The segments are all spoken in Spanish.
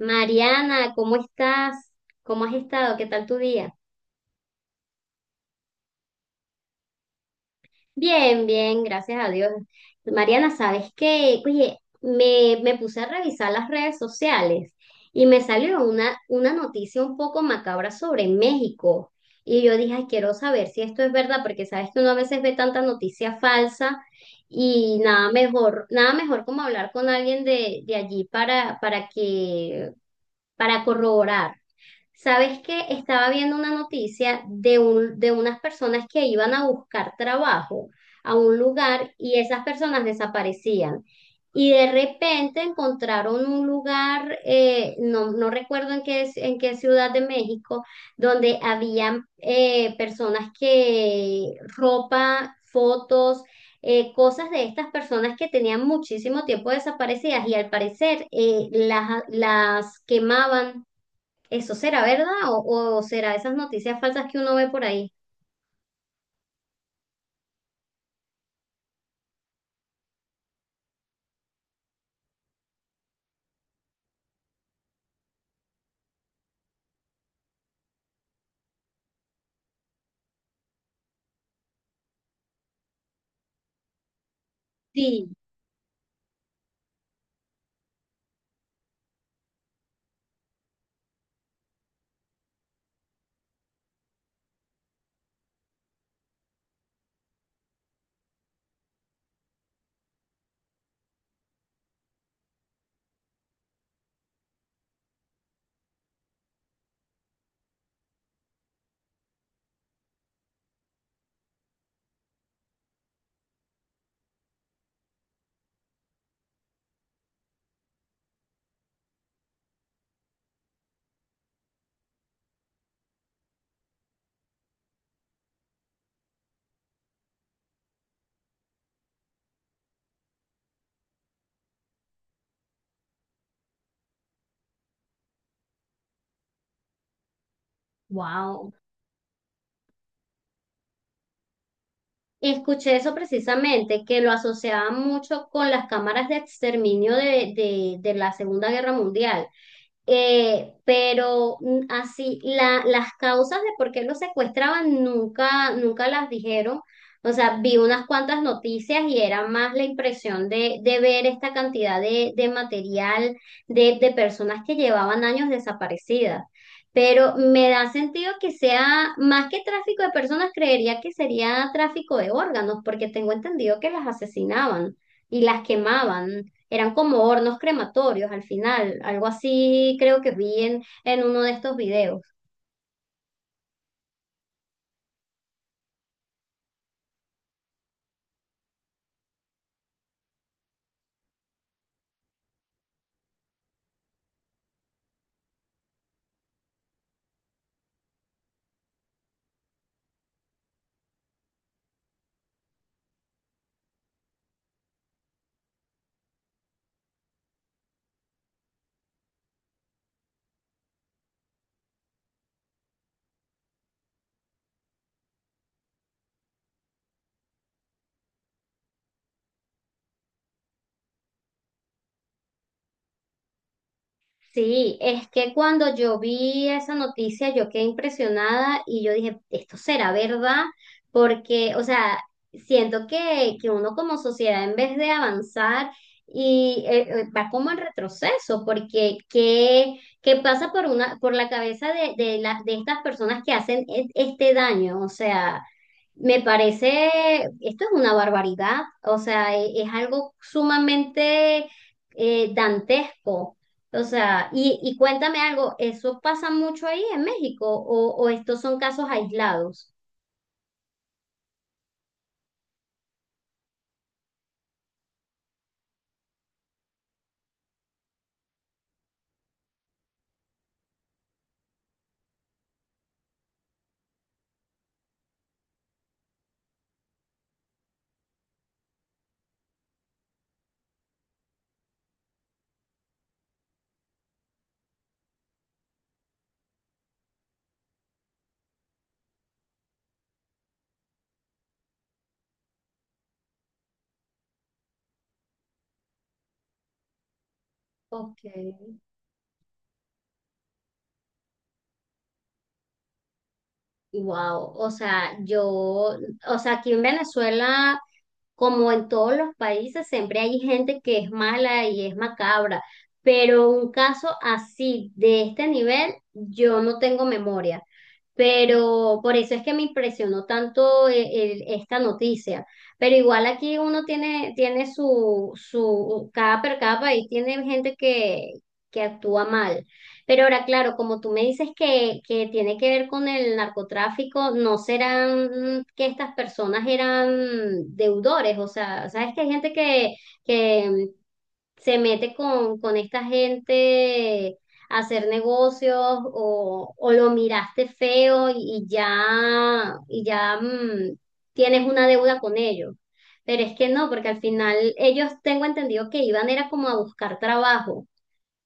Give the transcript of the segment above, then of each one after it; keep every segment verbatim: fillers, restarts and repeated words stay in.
Mariana, ¿cómo estás? ¿Cómo has estado? ¿Qué tal tu día? Bien, bien, gracias a Dios. Mariana, ¿sabes qué? Oye, me, me puse a revisar las redes sociales y me salió una, una noticia un poco macabra sobre México. Y yo dije, "Ay, quiero saber si esto es verdad, porque sabes que uno a veces ve tanta noticia falsa y nada mejor, nada mejor como hablar con alguien de, de allí para, para que, para corroborar." ¿Sabes qué? Estaba viendo una noticia de un, de unas personas que iban a buscar trabajo a un lugar y esas personas desaparecían. Y de repente encontraron un lugar, eh, no, no recuerdo en qué, en qué ciudad de México, donde habían eh, personas que ropa, fotos, eh, cosas de estas personas que tenían muchísimo tiempo desaparecidas y al parecer eh, las, las quemaban. ¿Eso será verdad o, o será esas noticias falsas que uno ve por ahí? Sí, wow. Escuché eso precisamente, que lo asociaban mucho con las cámaras de exterminio de, de, de la Segunda Guerra Mundial. Eh, pero mm, así, la, las causas de por qué lo secuestraban nunca, nunca las dijeron. O sea, vi unas cuantas noticias y era más la impresión de, de ver esta cantidad de, de material de, de personas que llevaban años desaparecidas. Pero me da sentido que sea más que tráfico de personas, creería que sería tráfico de órganos, porque tengo entendido que las asesinaban y las quemaban, eran como hornos crematorios al final, algo así creo que vi en, en uno de estos videos. Sí, es que cuando yo vi esa noticia yo quedé impresionada y yo dije, ¿esto será verdad? Porque, o sea, siento que, que uno como sociedad en vez de avanzar y eh, eh, va como en retroceso, porque ¿qué, qué pasa por una, por la cabeza de, de, la- de estas personas que hacen e- este daño? O sea… Me parece, esto es una barbaridad, o sea, e- es algo sumamente eh, dantesco. O sea, y, y cuéntame algo, ¿eso pasa mucho ahí en México o, o estos son casos aislados? Ok. Wow, o sea, yo, o sea, aquí en Venezuela, como en todos los países, siempre hay gente que es mala y es macabra, pero un caso así, de este nivel, yo no tengo memoria. Pero por eso es que me impresionó tanto el- el- esta noticia. Pero igual aquí uno tiene, tiene su, su, cada, per- cada país tiene gente que, que actúa mal. Pero ahora, claro, como tú me dices que, que tiene que ver con el narcotráfico, ¿no serán que estas personas eran deudores? O sea, sabes que hay gente que, que, se mete con, con esta gente a hacer negocios o, o lo miraste feo y, y ya, y ya mm, tienes una deuda con ellos. Pero es que no, porque al final ellos tengo entendido que iban era como a buscar trabajo.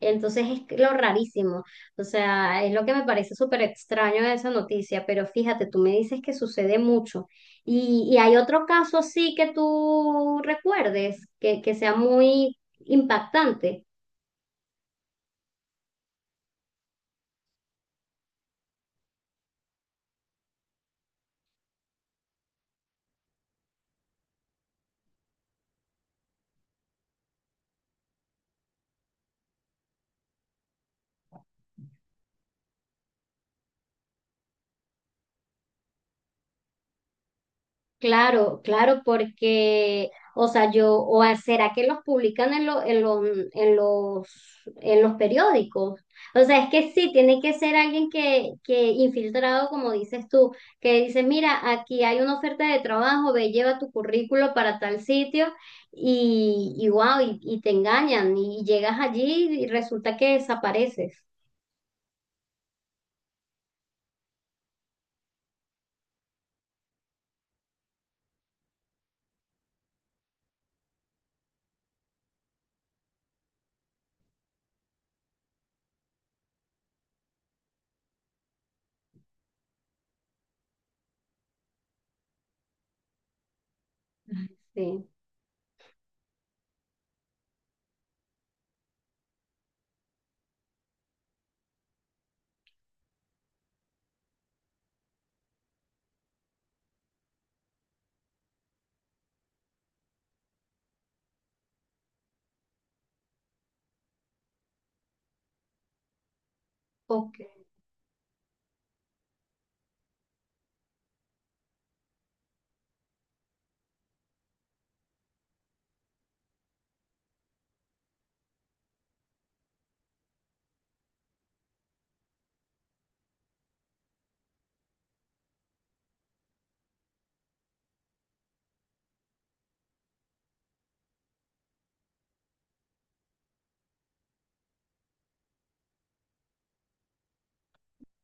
Entonces es lo rarísimo, o sea, es lo que me parece súper extraño de esa noticia, pero fíjate, tú me dices que sucede mucho. ¿Y, y hay otro caso así que tú recuerdes, que, que sea muy impactante? Claro, claro, porque, o sea, yo, o a- será que los publican en, lo- en, lo- en los, en los periódicos. O sea, es que sí, tiene que ser alguien que, que infiltrado, como dices tú, que dice, mira, aquí hay una oferta de trabajo, ve, lleva tu currículo para tal sitio y, y wow, y, y te engañan y llegas allí y resulta que desapareces. Ay, sí, ok.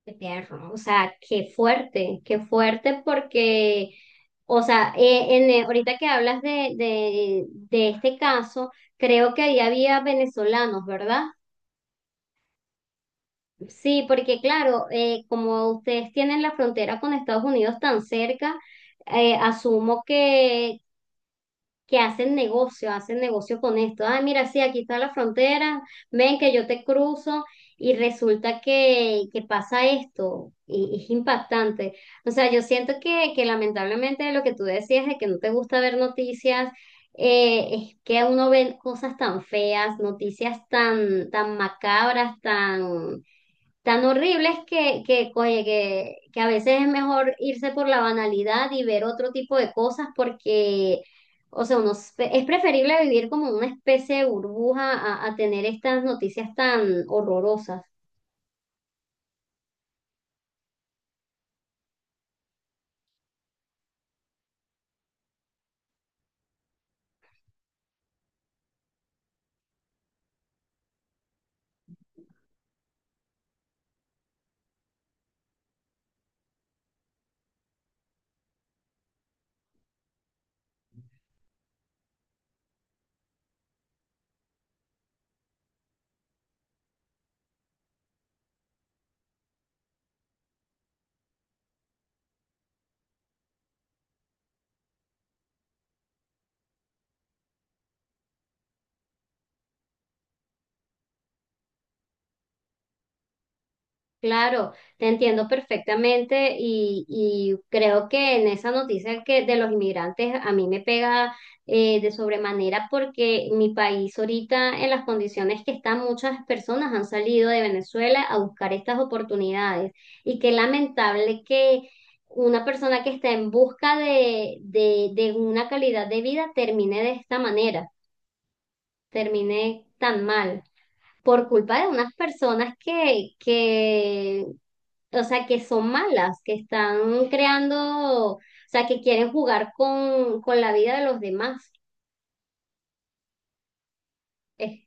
Qué tierno, o sea, qué fuerte, qué fuerte porque, o sea, eh, en, eh, ahorita que hablas de, de, de este caso, creo que ahí había venezolanos, ¿verdad? Sí, porque claro, eh, como ustedes tienen la frontera con Estados Unidos tan cerca, eh, asumo que que hacen negocio, hacen negocio con esto. Ay, mira, sí, aquí está la frontera, ven que yo te cruzo y resulta que, que pasa esto y es impactante. O sea, yo siento que, que lamentablemente lo que tú decías de que no te gusta ver noticias, eh, es que uno ve cosas tan feas, noticias tan, tan macabras, tan tan horribles que, que, oye, que, que a veces es mejor irse por la banalidad y ver otro tipo de cosas porque, o sea, uno espe- es preferible vivir como una especie de burbuja a, a tener estas noticias tan horrorosas. Claro, te entiendo perfectamente y, y creo que en esa noticia que de los inmigrantes a mí me pega eh, de sobremanera porque mi país ahorita en las condiciones que están muchas personas han salido de Venezuela a buscar estas oportunidades y qué lamentable que una persona que está en busca de, de, de una calidad de vida termine de esta manera, termine tan mal por culpa de unas personas que, que o sea, que son malas, que están creando, o sea, que quieren jugar con, con la vida de los demás. Eh,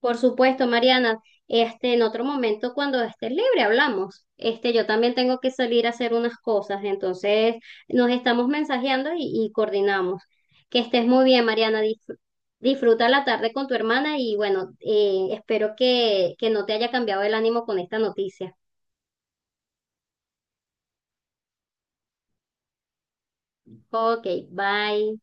por supuesto, Mariana, este, en otro momento cuando estés libre hablamos. Este, yo también tengo que salir a hacer unas cosas, entonces nos estamos mensajeando y, y coordinamos. Que estés muy bien, Mariana. Disfr- disfruta la tarde con tu hermana y bueno, eh, espero que, que no te haya cambiado el ánimo con esta noticia. Ok, bye.